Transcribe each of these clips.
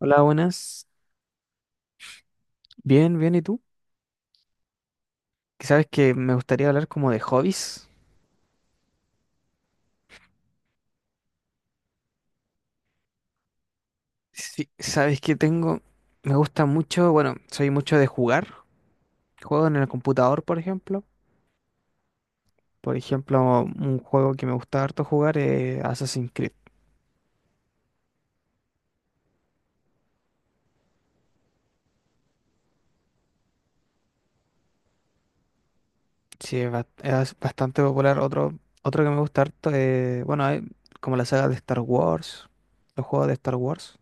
Hola, buenas. Bien, bien, ¿y tú? Que Sabes que me gustaría hablar como de hobbies. Sí, sabes que tengo, me gusta mucho, bueno, soy mucho de jugar. Juego en el computador, por ejemplo. Por ejemplo, un juego que me gusta harto jugar es Assassin's Creed. Sí, es, es bastante popular. Otro, otro que me gusta harto es, bueno, hay como la saga de Star Wars, los juegos de Star Wars.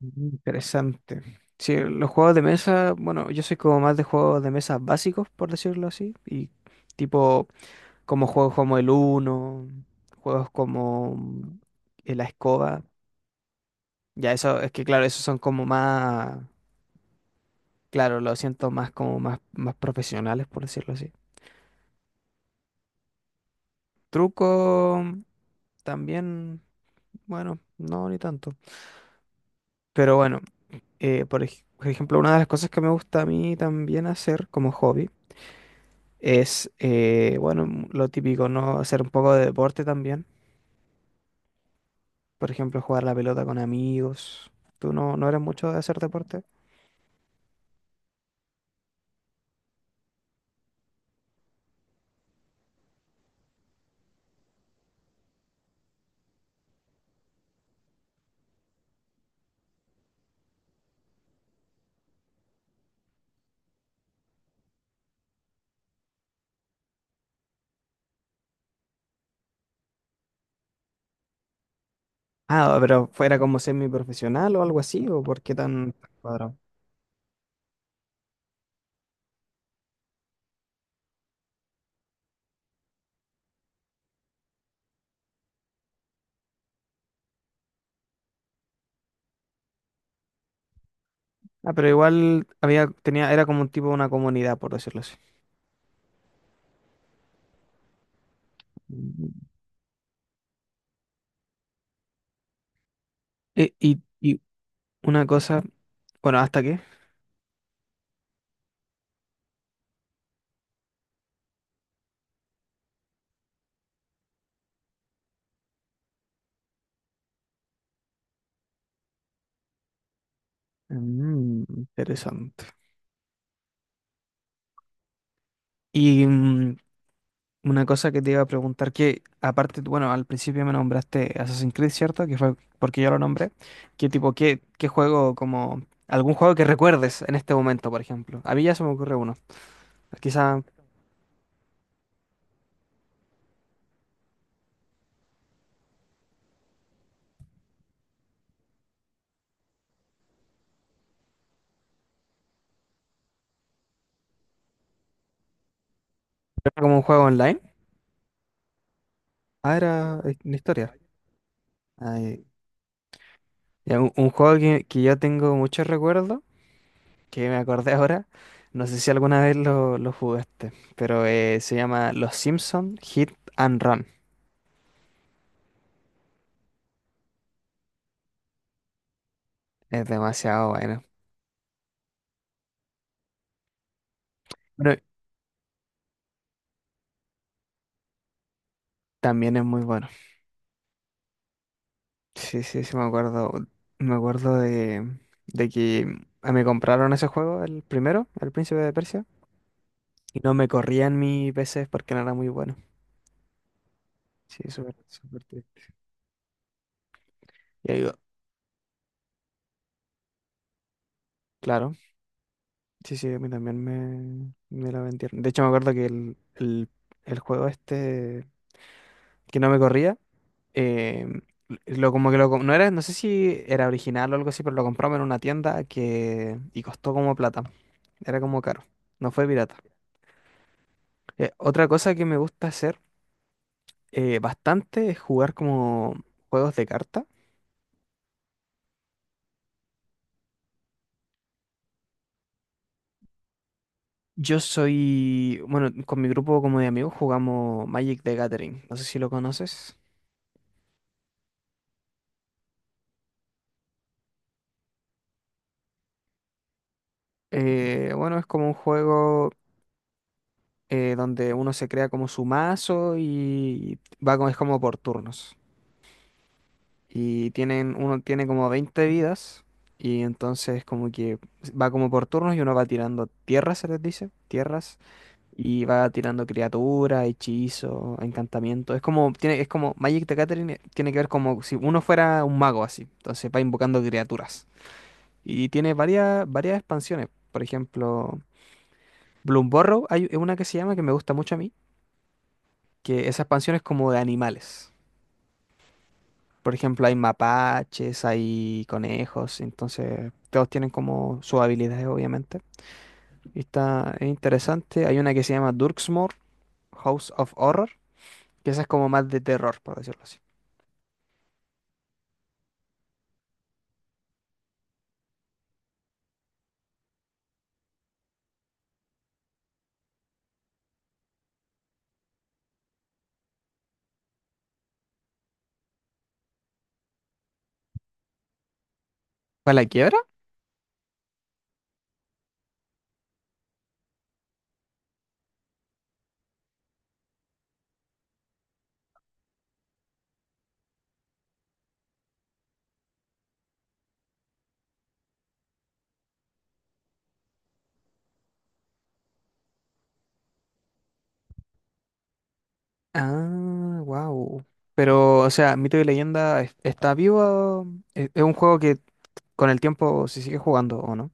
Interesante. Sí, los juegos de mesa, bueno, yo soy como más de juegos de mesa básicos, por decirlo así, y tipo como juegos como el Uno, juegos como la escoba. Ya eso, es que claro, esos son como más, claro, lo siento más como más, más profesionales, por decirlo así. Truco también, bueno, no ni tanto. Pero bueno, por por ejemplo, una de las cosas que me gusta a mí también hacer como hobby es, bueno, lo típico, ¿no? Hacer un poco de deporte también. Por ejemplo, jugar la pelota con amigos. ¿Tú no eres mucho de hacer deporte? Ah, pero fuera como semiprofesional o algo así, ¿o por qué tan cuadrado? Ah, pero igual había, tenía, era como un tipo de una comunidad, por decirlo así. Mm. Y una cosa, bueno, ¿hasta qué? Mm, interesante. Y una cosa que te iba a preguntar, que aparte, bueno, al principio me nombraste Assassin's Creed, ¿cierto? Que fue porque yo lo nombré. ¿Qué tipo, qué, qué juego, como algún juego que recuerdes en este momento, por ejemplo? A mí ya se me ocurre uno. Quizá era como un juego online. Ah, era una historia. Ay, ya, un juego que yo tengo muchos recuerdos, que me acordé ahora. No sé si alguna vez lo jugaste, pero se llama Los Simpson Hit and Run. Es demasiado bueno. Bueno, también es muy bueno. Sí, sí, sí, me acuerdo. Me acuerdo de que me compraron ese juego, el primero, El Príncipe de Persia, y no me corrían mi PC porque no era muy bueno. Sí, súper, súper triste. Y ahí, digo, claro, sí, sí, a mí también me la vendieron. De hecho, me acuerdo que el juego este que no me corría, eh, lo como que lo, no era, no sé si era original o algo así, pero lo compramos en una tienda que, y costó como plata. Era como caro. No fue pirata. Otra cosa que me gusta hacer bastante es jugar como juegos de carta. Yo soy, bueno, con mi grupo como de amigos jugamos Magic the Gathering. No sé si lo conoces. Bueno, es como un juego donde uno se crea como su mazo y va como, es como por turnos. Y tienen, uno tiene como 20 vidas y entonces como que va como por turnos y uno va tirando tierras, se les dice, tierras. Y va tirando criaturas, hechizos, encantamientos. Es como, tiene, es como Magic the Gathering tiene que ver como si uno fuera un mago así. Entonces va invocando criaturas. Y tiene varias, varias expansiones. Por ejemplo, Bloomburrow hay una que se llama que me gusta mucho a mí, que esa expansión es como de animales. Por ejemplo, hay mapaches, hay conejos, entonces todos tienen como sus habilidades, obviamente. Y está es interesante. Hay una que se llama Durksmore, House of Horror, que esa es como más de terror, por decirlo así. ¿Para la quiebra? Ah, wow. Pero, o sea, Mito y Leyenda está vivo. Es un juego que con el tiempo se sigue jugando, ¿o no?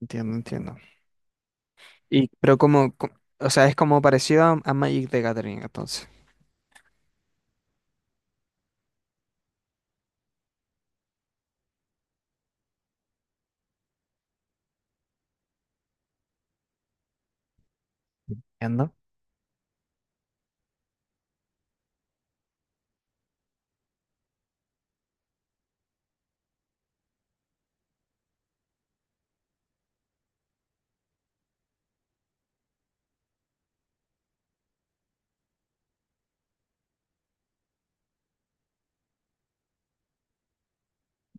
Entiendo, entiendo. Y pero como, o sea, es como parecido a Magic the Gathering, entonces. Entiendo.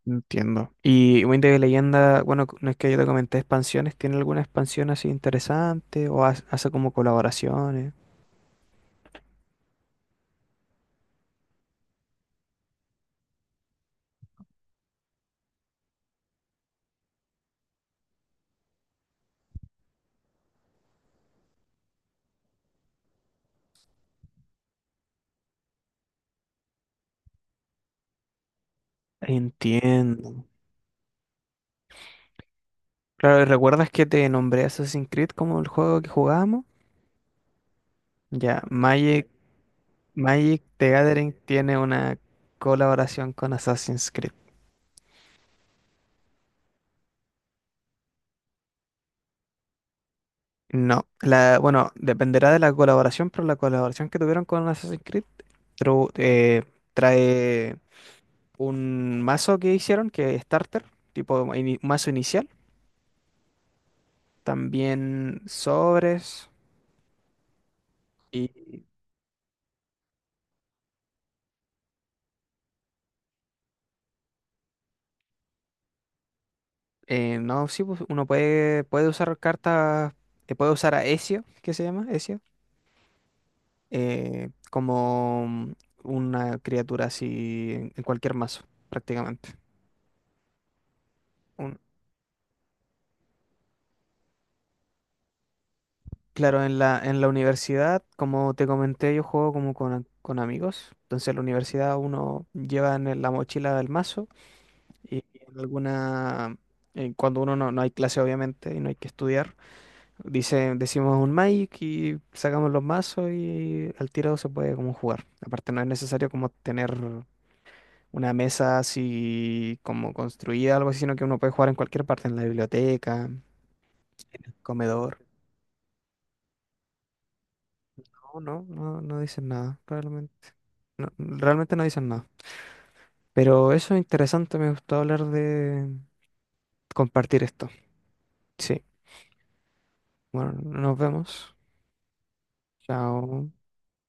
Entiendo. Y Mito y Leyenda, bueno, no es que yo te comenté expansiones, ¿tiene alguna expansión así interesante? ¿O hace como colaboraciones? Entiendo. Claro, ¿y recuerdas que te nombré Assassin's Creed como el juego que jugábamos? Ya, Magic. Magic the Gathering tiene una colaboración con Assassin's Creed. No, la, bueno, dependerá de la colaboración, pero la colaboración que tuvieron con Assassin's Creed tru- eh, trae un mazo que hicieron, que es starter, tipo mazo inicial, también sobres y no, sí, pues, uno puede, puede usar cartas, puede usar a Ezio, ¿que se llama? Ezio como una criatura así en cualquier mazo, prácticamente. Un- claro, en la universidad, como te comenté, yo juego como con amigos. Entonces en la universidad uno lleva en la mochila del mazo y en alguna... cuando uno no, no hay clase, obviamente, y no hay que estudiar, dice, decimos un Magic y sacamos los mazos y al tiro se puede como jugar. Aparte, no es necesario como tener una mesa así como construida, algo así, sino que uno puede jugar en cualquier parte, en la biblioteca, comedor. No, no, no, no dicen nada, realmente. No, realmente no dicen nada. Pero eso es interesante, me gustó hablar de compartir esto. Sí, bueno, nos vemos. Chao.